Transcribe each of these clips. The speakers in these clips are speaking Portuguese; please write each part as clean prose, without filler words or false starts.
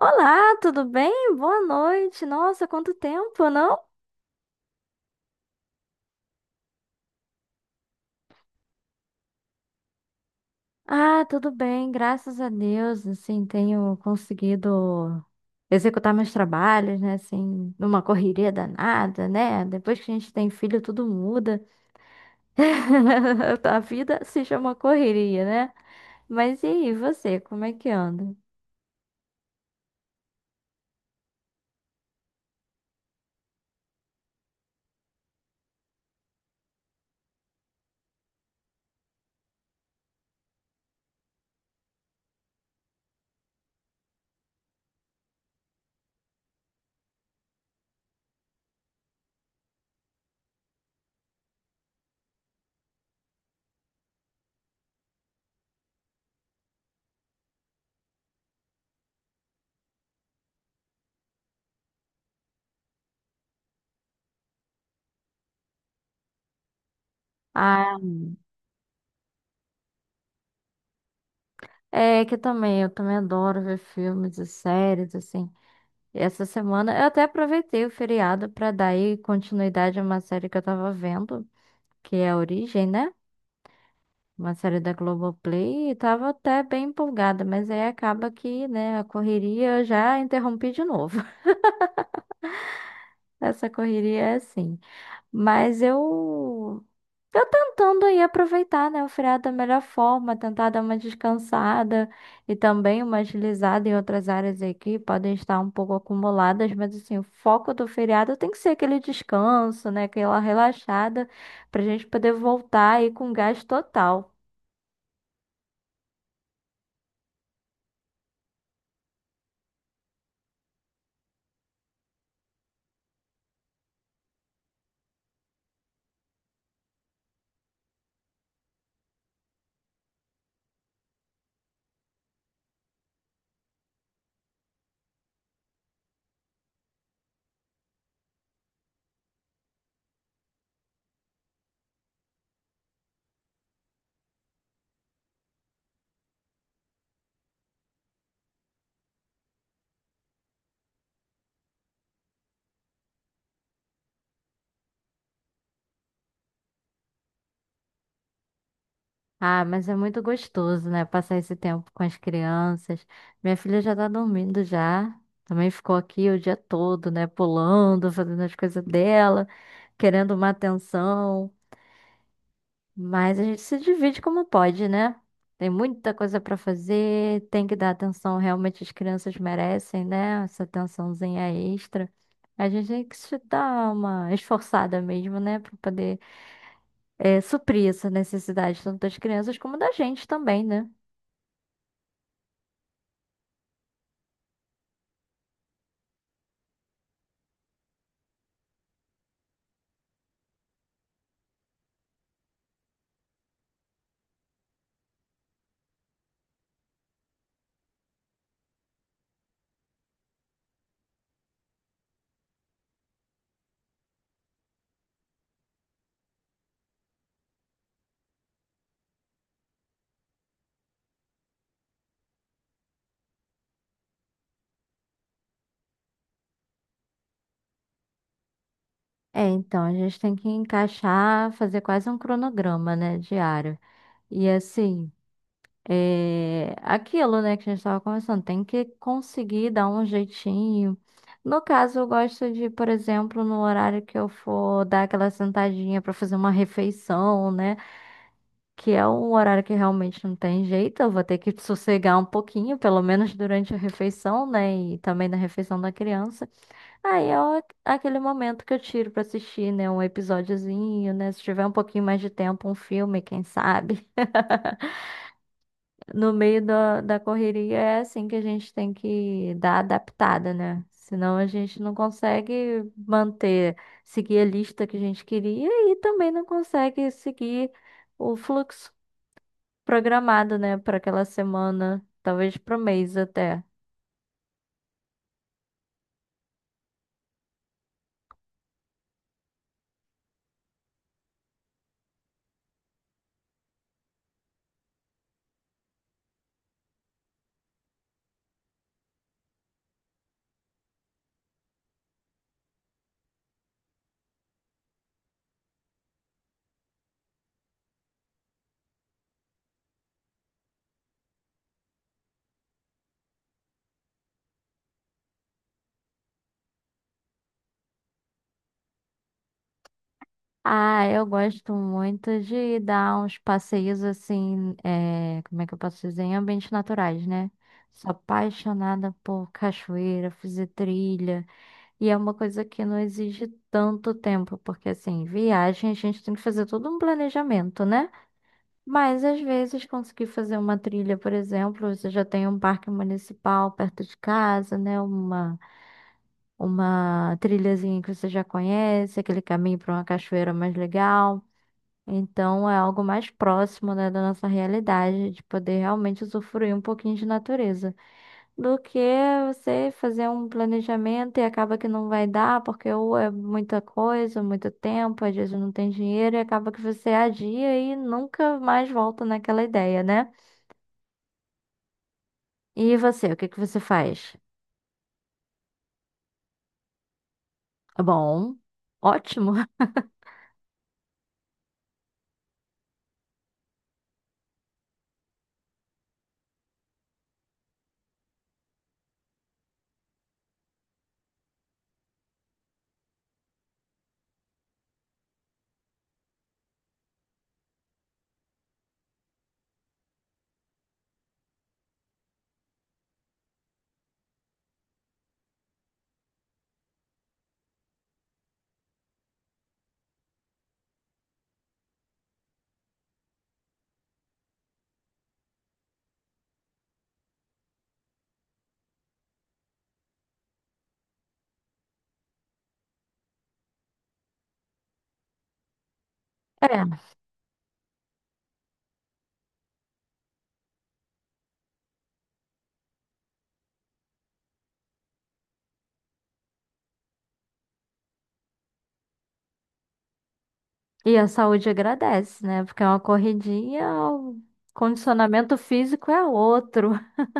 Olá, tudo bem? Boa noite. Nossa, quanto tempo, não? Ah, tudo bem, graças a Deus, assim, tenho conseguido executar meus trabalhos, né, assim, numa correria danada, né? Depois que a gente tem filho, tudo muda. A vida se chama correria, né? Mas e aí, você, como é que anda? Ah, é que também, eu também adoro ver filmes e séries, assim. E essa semana eu até aproveitei o feriado para dar aí continuidade a uma série que eu tava vendo, que é a Origem, né? Uma série da Globoplay, e tava até bem empolgada, mas aí acaba que, né, a correria eu já interrompi de novo. Essa correria é assim. Mas eu tô tentando aí aproveitar, né, o feriado da melhor forma, tentar dar uma descansada e também uma agilizada em outras áreas aí que podem estar um pouco acumuladas, mas assim, o foco do feriado tem que ser aquele descanso, né, aquela relaxada pra gente poder voltar aí com gás total. Ah, mas é muito gostoso, né, passar esse tempo com as crianças. Minha filha já tá dormindo já. Também ficou aqui o dia todo, né, pulando, fazendo as coisas dela, querendo uma atenção. Mas a gente se divide como pode, né? Tem muita coisa para fazer, tem que dar atenção, realmente as crianças merecem, né? Essa atençãozinha extra. A gente tem que se dar uma esforçada mesmo, né? Para poder suprir essa necessidade, tanto das crianças como da gente também, né? É, então, a gente tem que encaixar, fazer quase um cronograma, né? Diário. E assim. É aquilo, né, que a gente estava conversando, tem que conseguir dar um jeitinho. No caso, eu gosto de, por exemplo, no horário que eu for dar aquela sentadinha para fazer uma refeição, né, que é um horário que realmente não tem jeito, eu vou ter que sossegar um pouquinho, pelo menos durante a refeição, né, e também na refeição da criança. Aquele momento que eu tiro para assistir, né, um episódiozinho, né, se tiver um pouquinho mais de tempo, um filme, quem sabe. No meio da correria é assim que a gente tem que dar adaptada, né? Senão a gente não consegue manter, seguir a lista que a gente queria e também não consegue seguir o fluxo programado, né, para aquela semana, talvez para o mês até. Ah, eu gosto muito de dar uns passeios assim, é, como é que eu posso dizer? Em ambientes naturais, né? Sou apaixonada por cachoeira, fazer trilha. E é uma coisa que não exige tanto tempo, porque assim, viagem a gente tem que fazer todo um planejamento, né? Mas às vezes conseguir fazer uma trilha, por exemplo, você já tem um parque municipal perto de casa, né? Uma trilhazinha que você já conhece, aquele caminho para uma cachoeira mais legal. Então é algo mais próximo, né, da nossa realidade, de poder realmente usufruir um pouquinho de natureza do que você fazer um planejamento e acaba que não vai dar, porque ou é muita coisa, muito tempo, às vezes não tem dinheiro, e acaba que você adia e nunca mais volta naquela ideia, né? E você, o que que você faz? É, bom, ótimo. É. E a saúde agradece, né? Porque é uma corridinha, o condicionamento físico é outro.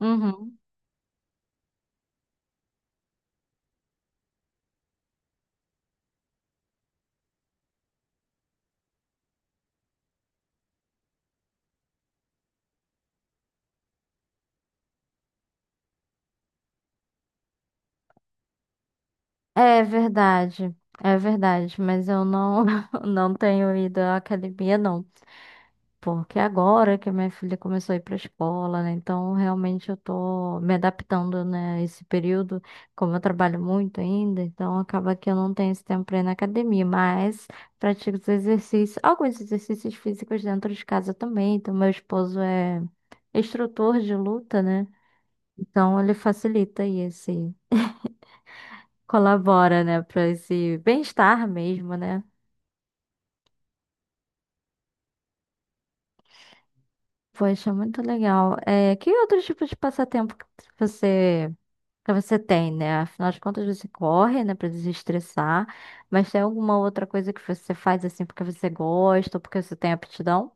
Uhum. É verdade. É verdade, mas eu não, não tenho ido à academia, não. Porque agora que a minha filha começou a ir para a escola, né? Então, realmente eu tô me adaptando, né, a esse período, como eu trabalho muito ainda, então acaba que eu não tenho esse tempo para ir na academia, mas pratico os exercícios, alguns exercícios físicos dentro de casa também. Então, meu esposo é instrutor de luta, né? Então, ele facilita e esse colabora, né, para esse bem-estar mesmo, né? Poxa, muito legal. É, que outro tipo de passatempo você que você tem, né? Afinal de contas, você corre, né, para desestressar, mas tem alguma outra coisa que você faz assim porque você gosta ou porque você tem aptidão?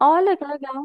Olha que legal.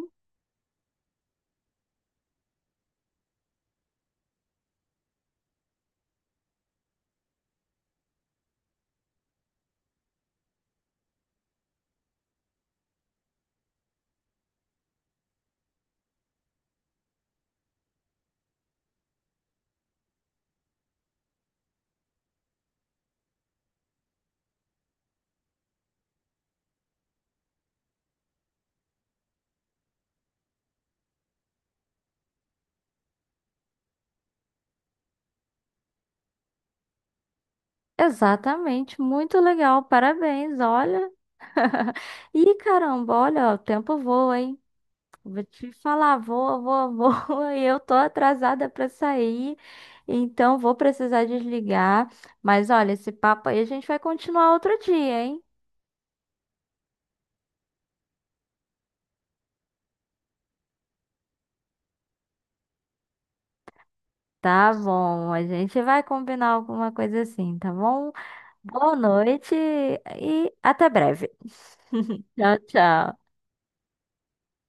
Exatamente, muito legal. Parabéns, olha. Ih, caramba, olha, o tempo voa, hein? Vou te falar, voa, voa, voa, e eu tô atrasada para sair, então vou precisar desligar. Mas olha, esse papo aí a gente vai continuar outro dia, hein? Tá bom, a gente vai combinar alguma coisa assim, tá bom? Boa noite e até breve. Tchau, tchau.